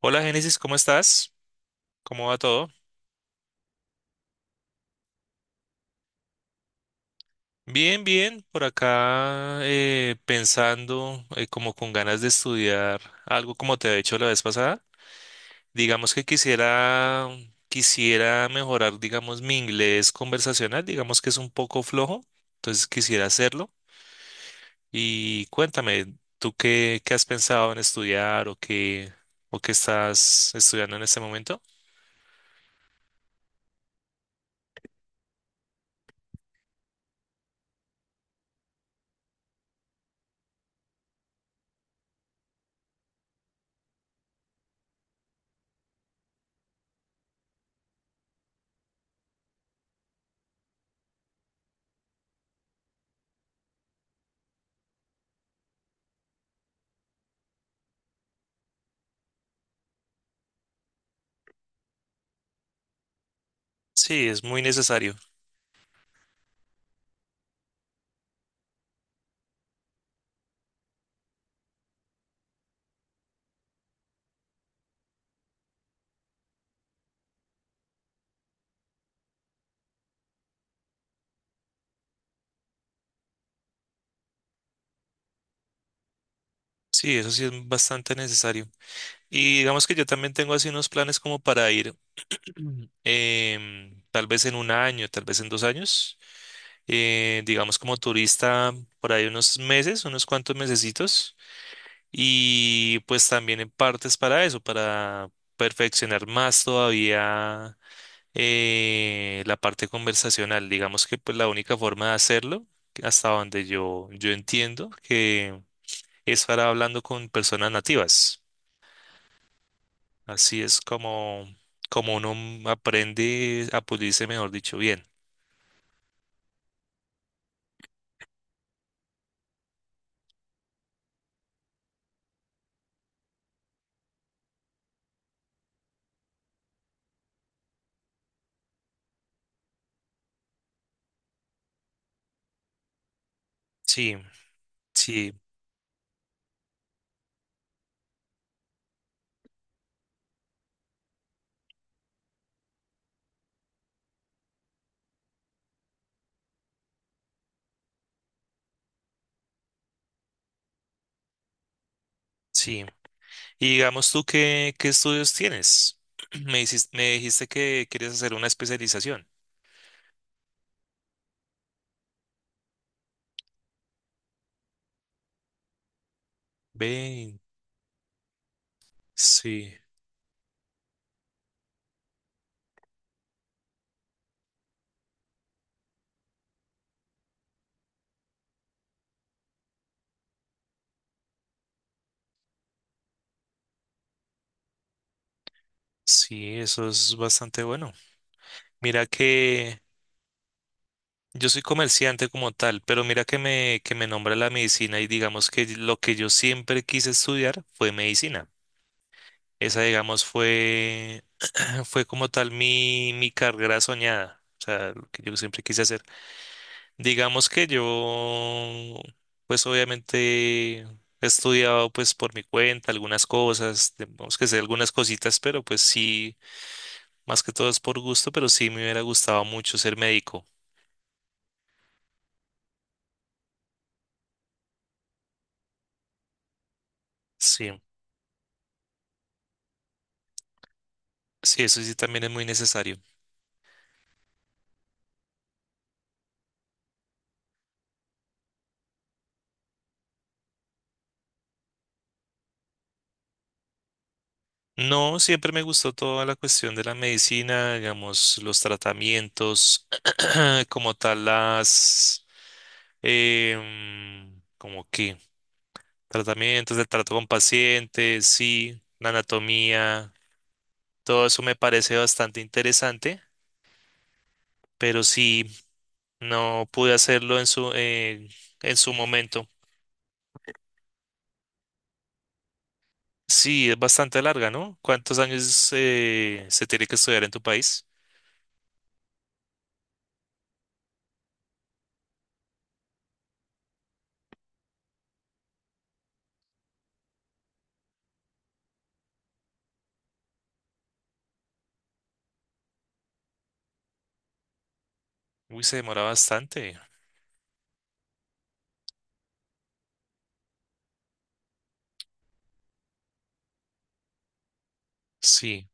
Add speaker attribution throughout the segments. Speaker 1: Hola Génesis, ¿cómo estás? ¿Cómo va todo? Bien, bien, por acá pensando como con ganas de estudiar algo como te había hecho la vez pasada. Digamos que quisiera, quisiera mejorar, digamos, mi inglés conversacional, digamos que es un poco flojo, entonces quisiera hacerlo. Y cuéntame, ¿ qué has pensado en estudiar o qué estás estudiando en este momento? Sí, es muy necesario. Sí, eso sí es bastante necesario. Y digamos que yo también tengo así unos planes como para ir. Ujú. Tal vez en un año, tal vez en dos años, digamos como turista por ahí unos meses, unos cuantos mesecitos, y pues también en partes para eso, para perfeccionar más todavía la parte conversacional. Digamos que pues la única forma de hacerlo, hasta donde yo entiendo, que es para hablando con personas nativas. Así es como, como uno aprende a pulirse, mejor dicho, bien. Sí, sí, sí. Y digamos tú, ¿ qué estudios tienes? Me dijiste que quieres hacer una especialización. Ve, sí, sí, eso es bastante bueno. Mira que yo soy comerciante como tal, pero mira que que me nombra la medicina y digamos que lo que yo siempre quise estudiar fue medicina. Esa, digamos, fue Ah, Fue como tal mi carrera soñada, o sea, lo que yo siempre quise hacer. Digamos que yo, pues obviamente he estudiado pues por mi cuenta algunas cosas, tenemos que hacer algunas cositas, pero pues sí, más que todo es por gusto, pero sí me hubiera gustado mucho ser médico. Sí, sí, eso sí también es muy necesario. No, siempre me gustó toda la cuestión de la medicina, digamos, los tratamientos, como tal las, como que tratamientos, el trato con pacientes, sí, la anatomía, todo eso me parece bastante interesante, pero sí, no pude hacerlo en en su momento. Sí, es bastante larga, ¿no? ¿Cuántos años se tiene que estudiar en tu país? Uy, se demora bastante, sí.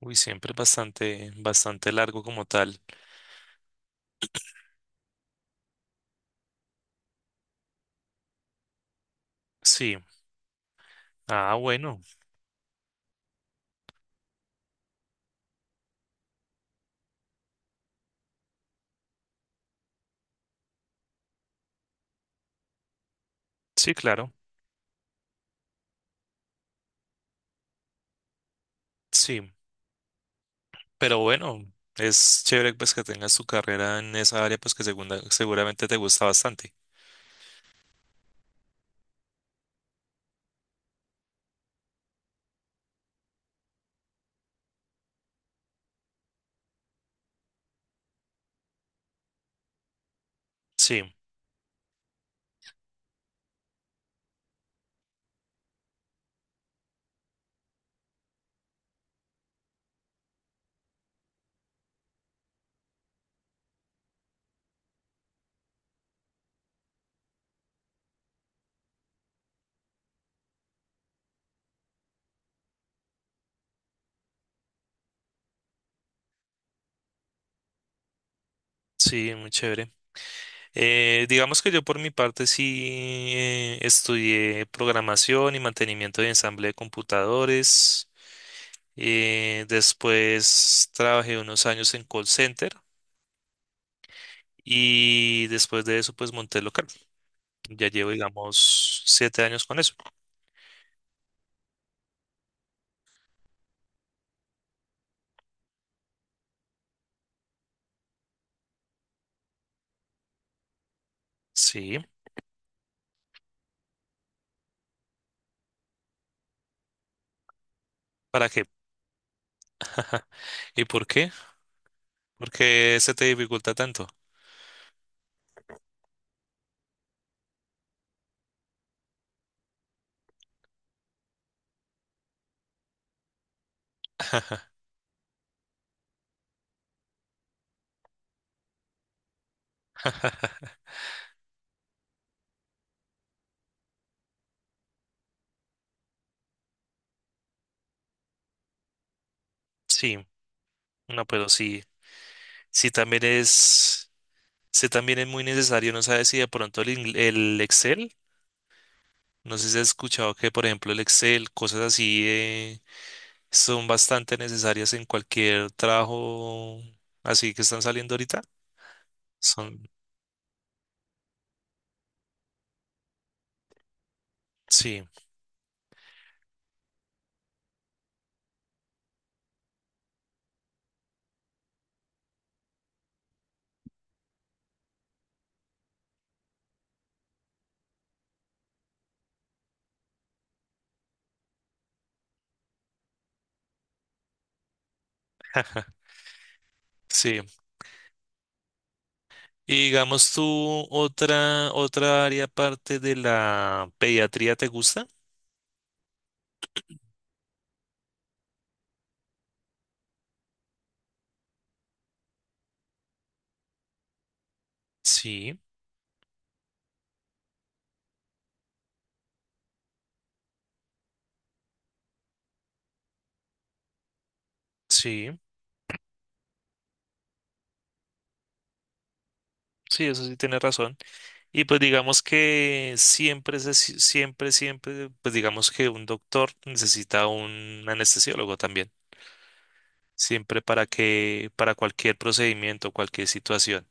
Speaker 1: Uy, siempre es bastante, bastante largo como tal. Sí. Ah, bueno. Sí, claro. Sí. Pero bueno, es chévere pues que tengas tu carrera en esa área pues que seguramente te gusta bastante. Sí, sí, muy chévere. Digamos que yo por mi parte sí estudié programación y mantenimiento de ensamble de computadores. Después trabajé unos años en call center y después de eso pues monté local. Ya llevo, digamos, siete años con eso. Sí, ¿para qué? ¿Y por qué? ¿Por qué se te dificulta tanto? Sí, no, pero sí, sí también es, sí también es muy necesario, no sabes si de pronto el Excel, no sé si has escuchado que, por ejemplo, el Excel, cosas así, son bastante necesarias en cualquier trabajo así que están saliendo ahorita. Son, sí, sí. Y digamos tú, otra área aparte de la pediatría, ¿te gusta? Sí, sí, sí, eso sí tienes razón. Y pues digamos que siempre, se- si, siempre, siempre, pues digamos que un doctor necesita un anestesiólogo también. Siempre para que, para cualquier procedimiento, cualquier situación.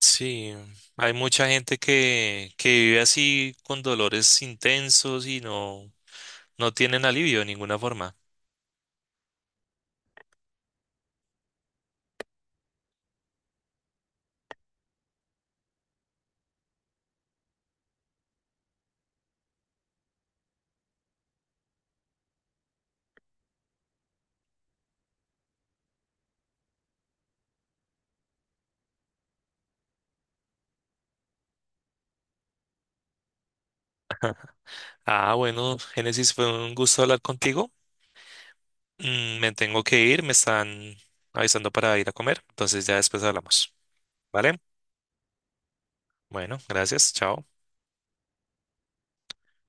Speaker 1: Sí, hay mucha gente que vive así con dolores intensos y no, no tienen alivio de ninguna forma. Ah, bueno, Génesis, fue un gusto hablar contigo. Me tengo que ir, me están avisando para ir a comer, entonces ya después hablamos. ¿Vale? Bueno, gracias, chao.